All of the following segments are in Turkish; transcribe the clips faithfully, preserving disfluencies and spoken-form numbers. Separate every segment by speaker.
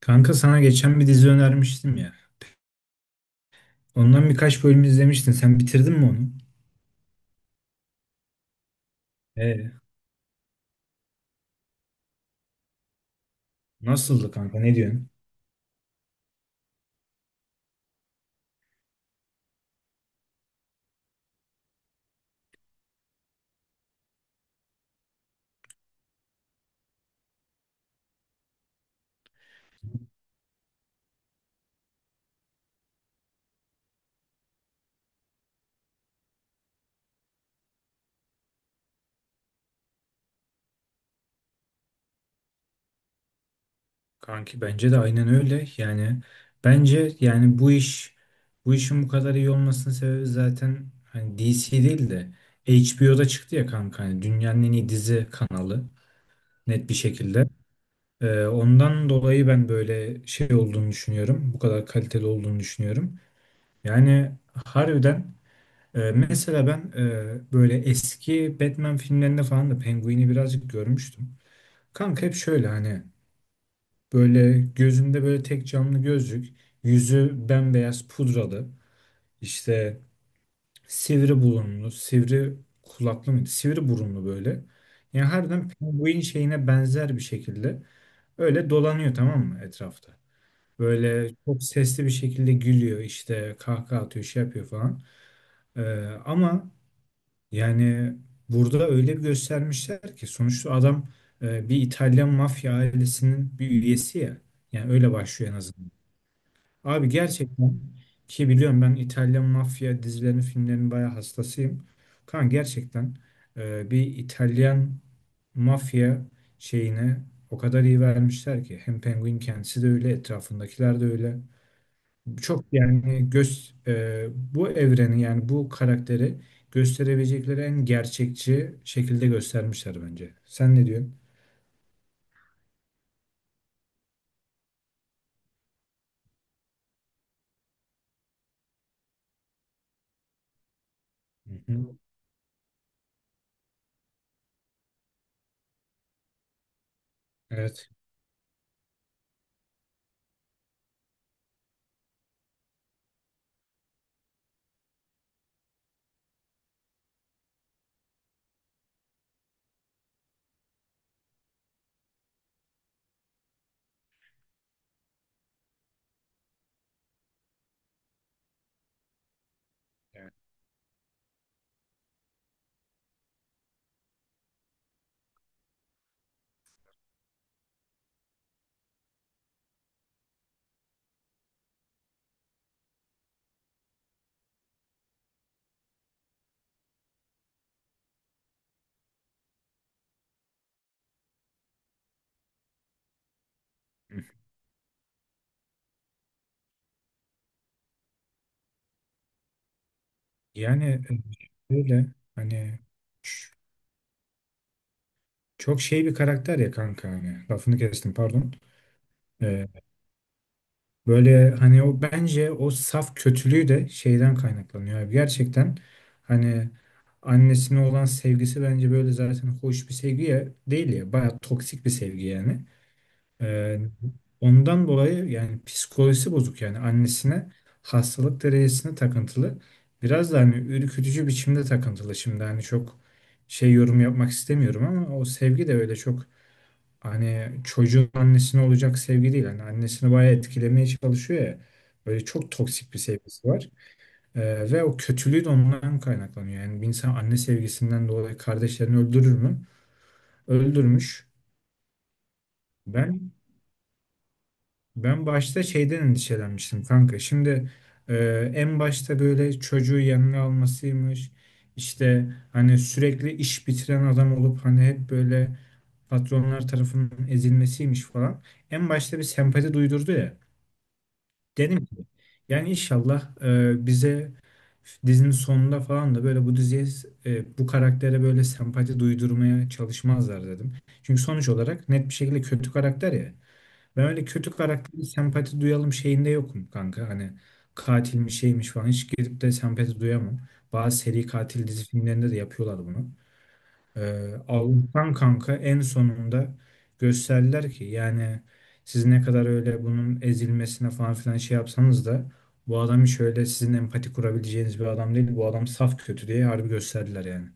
Speaker 1: Kanka sana geçen bir dizi önermiştim ya. Ondan birkaç bölüm izlemiştin. Sen bitirdin mi onu? Ee, Nasıldı kanka? Ne diyorsun? Kanki bence de aynen öyle. Yani bence yani bu iş bu işin bu kadar iyi olmasının sebebi zaten hani D C değil de H B O'da çıktı ya kanka. Hani dünyanın en iyi dizi kanalı net bir şekilde. Ee, ondan dolayı ben böyle şey olduğunu düşünüyorum. Bu kadar kaliteli olduğunu düşünüyorum. Yani harbiden. Ee, mesela ben e, böyle eski Batman filmlerinde falan da Penguin'i birazcık görmüştüm. Kanka hep şöyle hani böyle gözünde böyle tek camlı gözlük, yüzü bembeyaz pudralı, işte sivri burunlu, sivri kulaklı mıydı? Sivri burunlu böyle. Yani harbiden Penguin şeyine benzer bir şekilde öyle dolanıyor tamam mı etrafta. Böyle çok sesli bir şekilde gülüyor işte kahkaha atıyor şey yapıyor falan. Ee, ama Yani burada öyle bir göstermişler ki sonuçta adam e, bir İtalyan mafya ailesinin bir üyesi ya. Yani öyle başlıyor en azından. Abi gerçekten, ki biliyorum ben İtalyan mafya dizilerini, filmlerini bayağı hastasıyım. Kan gerçekten e, bir İtalyan mafya şeyine o kadar iyi vermişler ki hem Penguin kendisi de öyle, etrafındakiler de öyle. Çok yani göz e, bu evreni yani bu karakteri gösterebilecekleri en gerçekçi şekilde göstermişler bence. Sen ne diyorsun? Hı hı. Evet. Yani e, öyle hani ç- çok şey bir karakter ya kanka, hani lafını kestim pardon. E, Böyle hani o, bence o saf kötülüğü de şeyden kaynaklanıyor abi. Gerçekten hani annesine olan sevgisi bence böyle zaten hoş bir sevgi ya, değil ya, bayağı toksik bir sevgi yani. Ee, Ondan dolayı yani psikolojisi bozuk, yani annesine hastalık derecesine takıntılı. Biraz da hani ürkütücü biçimde takıntılı. Şimdi hani çok şey, yorum yapmak istemiyorum ama o sevgi de öyle çok, hani çocuğun annesine olacak sevgi değil. Hani annesini bayağı etkilemeye çalışıyor ya. Böyle çok toksik bir sevgisi var. Ee, ve o kötülüğü de ondan kaynaklanıyor. Yani bir insan anne sevgisinden dolayı kardeşlerini öldürür mü? Öldürmüş. Ben Ben başta şeyden endişelenmiştim kanka. Şimdi e, en başta böyle çocuğu yanına almasıymış. İşte hani sürekli iş bitiren adam olup hani hep böyle patronlar tarafından ezilmesiymiş falan. En başta bir sempati duydurdu ya. Dedim ki yani inşallah e, bize dizinin sonunda falan da böyle bu diziye, e, bu karaktere böyle sempati duydurmaya çalışmazlar dedim. Çünkü sonuç olarak net bir şekilde kötü karakter ya. Ben öyle kötü karakteri sempati duyalım şeyinde yokum kanka. Hani katilmiş şeymiş falan, hiç gidip de sempati duyamam. Bazı seri katil dizi filmlerinde de yapıyorlar bunu. Ee, Allah'tan kanka en sonunda gösterdiler ki yani siz ne kadar öyle bunun ezilmesine falan filan şey yapsanız da bu adam hiç öyle sizin empati kurabileceğiniz bir adam değil. Bu adam saf kötü diye harbi gösterdiler yani.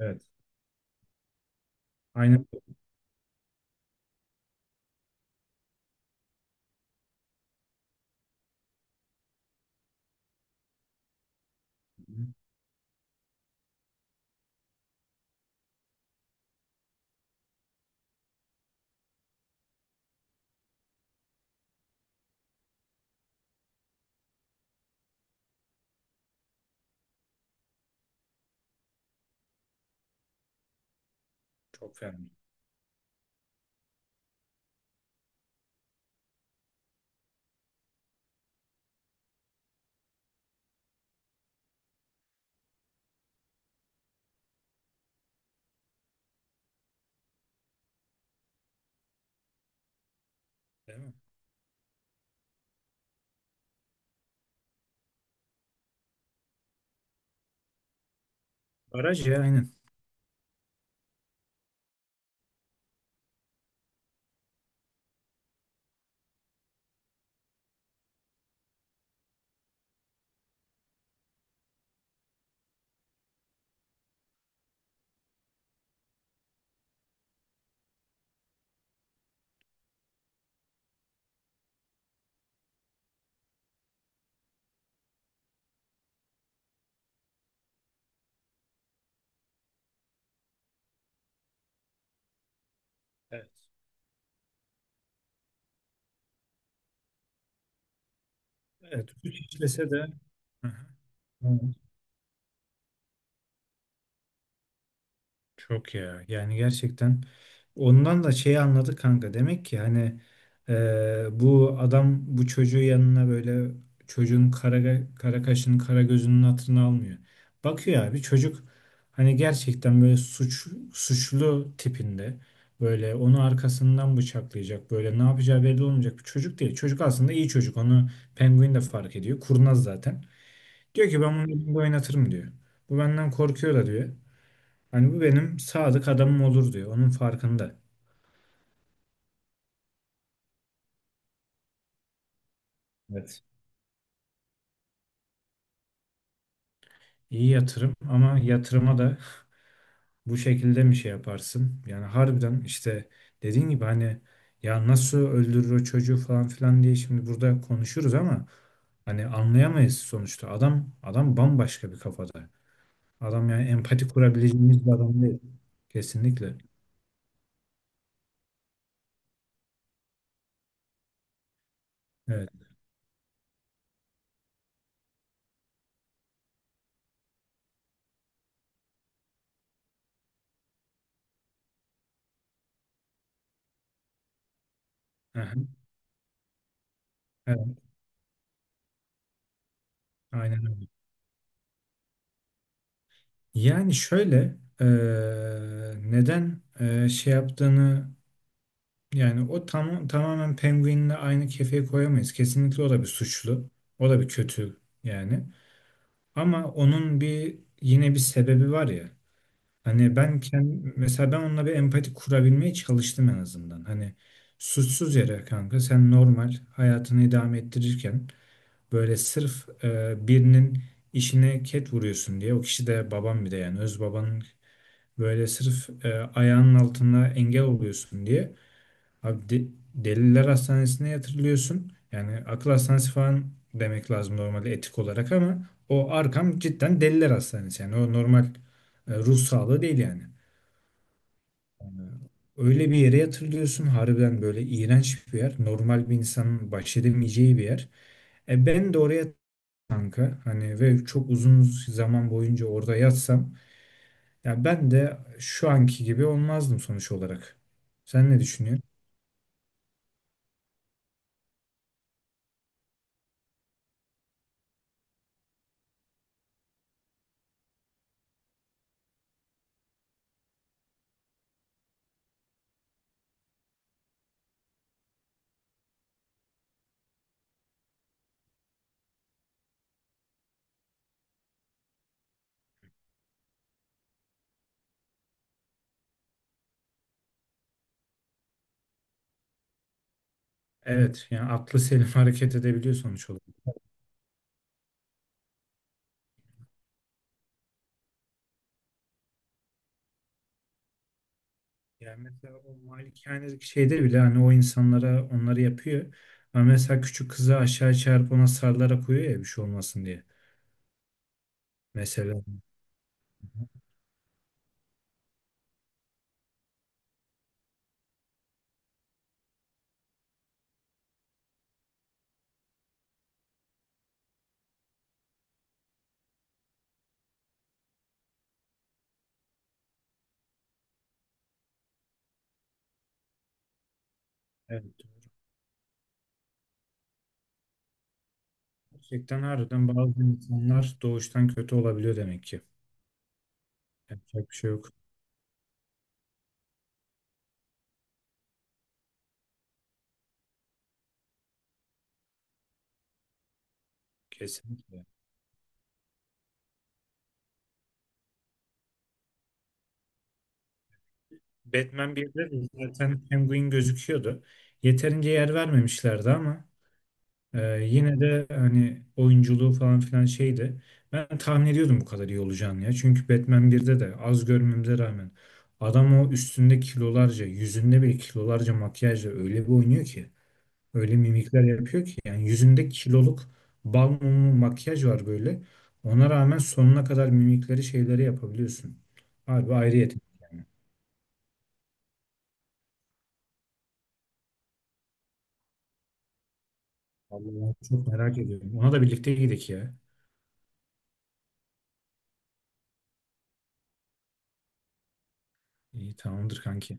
Speaker 1: Evet. Aynen. Çok fena. Değil mi? Baraj ya aynen. Evet. Evet. Suç işlese de. Hı hı. Çok ya. Yani gerçekten ondan da şeyi anladık kanka. Demek ki hani e, bu adam bu çocuğu yanına böyle çocuğun kara, kara kaşının kara gözünün hatırını almıyor. Bakıyor abi çocuk hani gerçekten böyle suç, suçlu tipinde böyle onu arkasından bıçaklayacak, böyle ne yapacağı belli olmayacak bir çocuk değil. Çocuk aslında iyi çocuk. Onu penguin de fark ediyor. Kurnaz zaten. Diyor ki ben bunu elimde oynatırım diyor. Bu benden korkuyor da diyor. Hani bu benim sadık adamım olur diyor. Onun farkında. Evet. İyi yatırım ama yatırıma da bu şekilde mi şey yaparsın? Yani harbiden işte dediğin gibi hani ya nasıl öldürür o çocuğu falan filan diye şimdi burada konuşuruz ama hani anlayamayız sonuçta. Adam adam bambaşka bir kafada. Adam yani empati kurabileceğimiz bir adam değil. Kesinlikle. Evet. Aha. Evet. Aynen öyle. Yani şöyle eee, neden eee, şey yaptığını. Yani o tam, tamamen Penguin'le aynı kefeye koyamayız. Kesinlikle o da bir suçlu. O da bir kötü yani. Ama onun bir, yine bir sebebi var ya. Hani ben kendim, mesela ben onunla bir empati kurabilmeye çalıştım en azından. Hani suçsuz yere kanka sen normal hayatını idame ettirirken böyle sırf e, birinin işine ket vuruyorsun diye, o kişi de babam, bir de yani öz babanın böyle sırf e, ayağının altına engel oluyorsun diye Abi de- Deliler Hastanesi'ne yatırılıyorsun. Yani akıl hastanesi falan demek lazım normalde etik olarak, ama o arkam cidden Deliler Hastanesi. Yani o normal e, ruh sağlığı değil yani. E, Öyle bir yere yatırılıyorsun. Harbiden böyle iğrenç bir yer. Normal bir insanın baş edemeyeceği bir yer. E ben de oraya kanka hani, ve çok uzun zaman boyunca orada yatsam ya ben de şu anki gibi olmazdım sonuç olarak. Sen ne düşünüyorsun? Evet yani aklı selim hareket edebiliyor sonuç olarak. Yani mesela o malikanedeki şeyde bile hani o insanlara onları yapıyor. Ama mesela küçük kızı aşağı çağırıp ona sarılarak koyuyor ya bir şey olmasın diye. Mesela evet, gerçekten harbiden bazı insanlar doğuştan kötü olabiliyor demek ki. Yapacak bir şey yok. Kesinlikle. Batman birde de zaten Penguin gözüküyordu. Yeterince yer vermemişlerdi ama Ee, yine de hani oyunculuğu falan filan şeydi. Ben tahmin ediyordum bu kadar iyi olacağını ya. Çünkü Batman birde de az görmemize rağmen adam o üstünde kilolarca, yüzünde bile kilolarca makyajla öyle bir oynuyor ki. Öyle mimikler yapıyor ki. Yani yüzünde kiloluk bal mumu makyaj var böyle. Ona rağmen sonuna kadar mimikleri şeyleri yapabiliyorsun. Harbi ayrı yetenek. Vallahi çok merak ediyorum. Ona da birlikte gidelim ya. İyi, tamamdır kanki.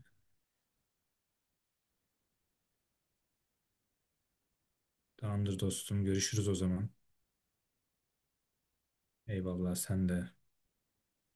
Speaker 1: Tamamdır dostum. Görüşürüz o zaman. Eyvallah, sen de.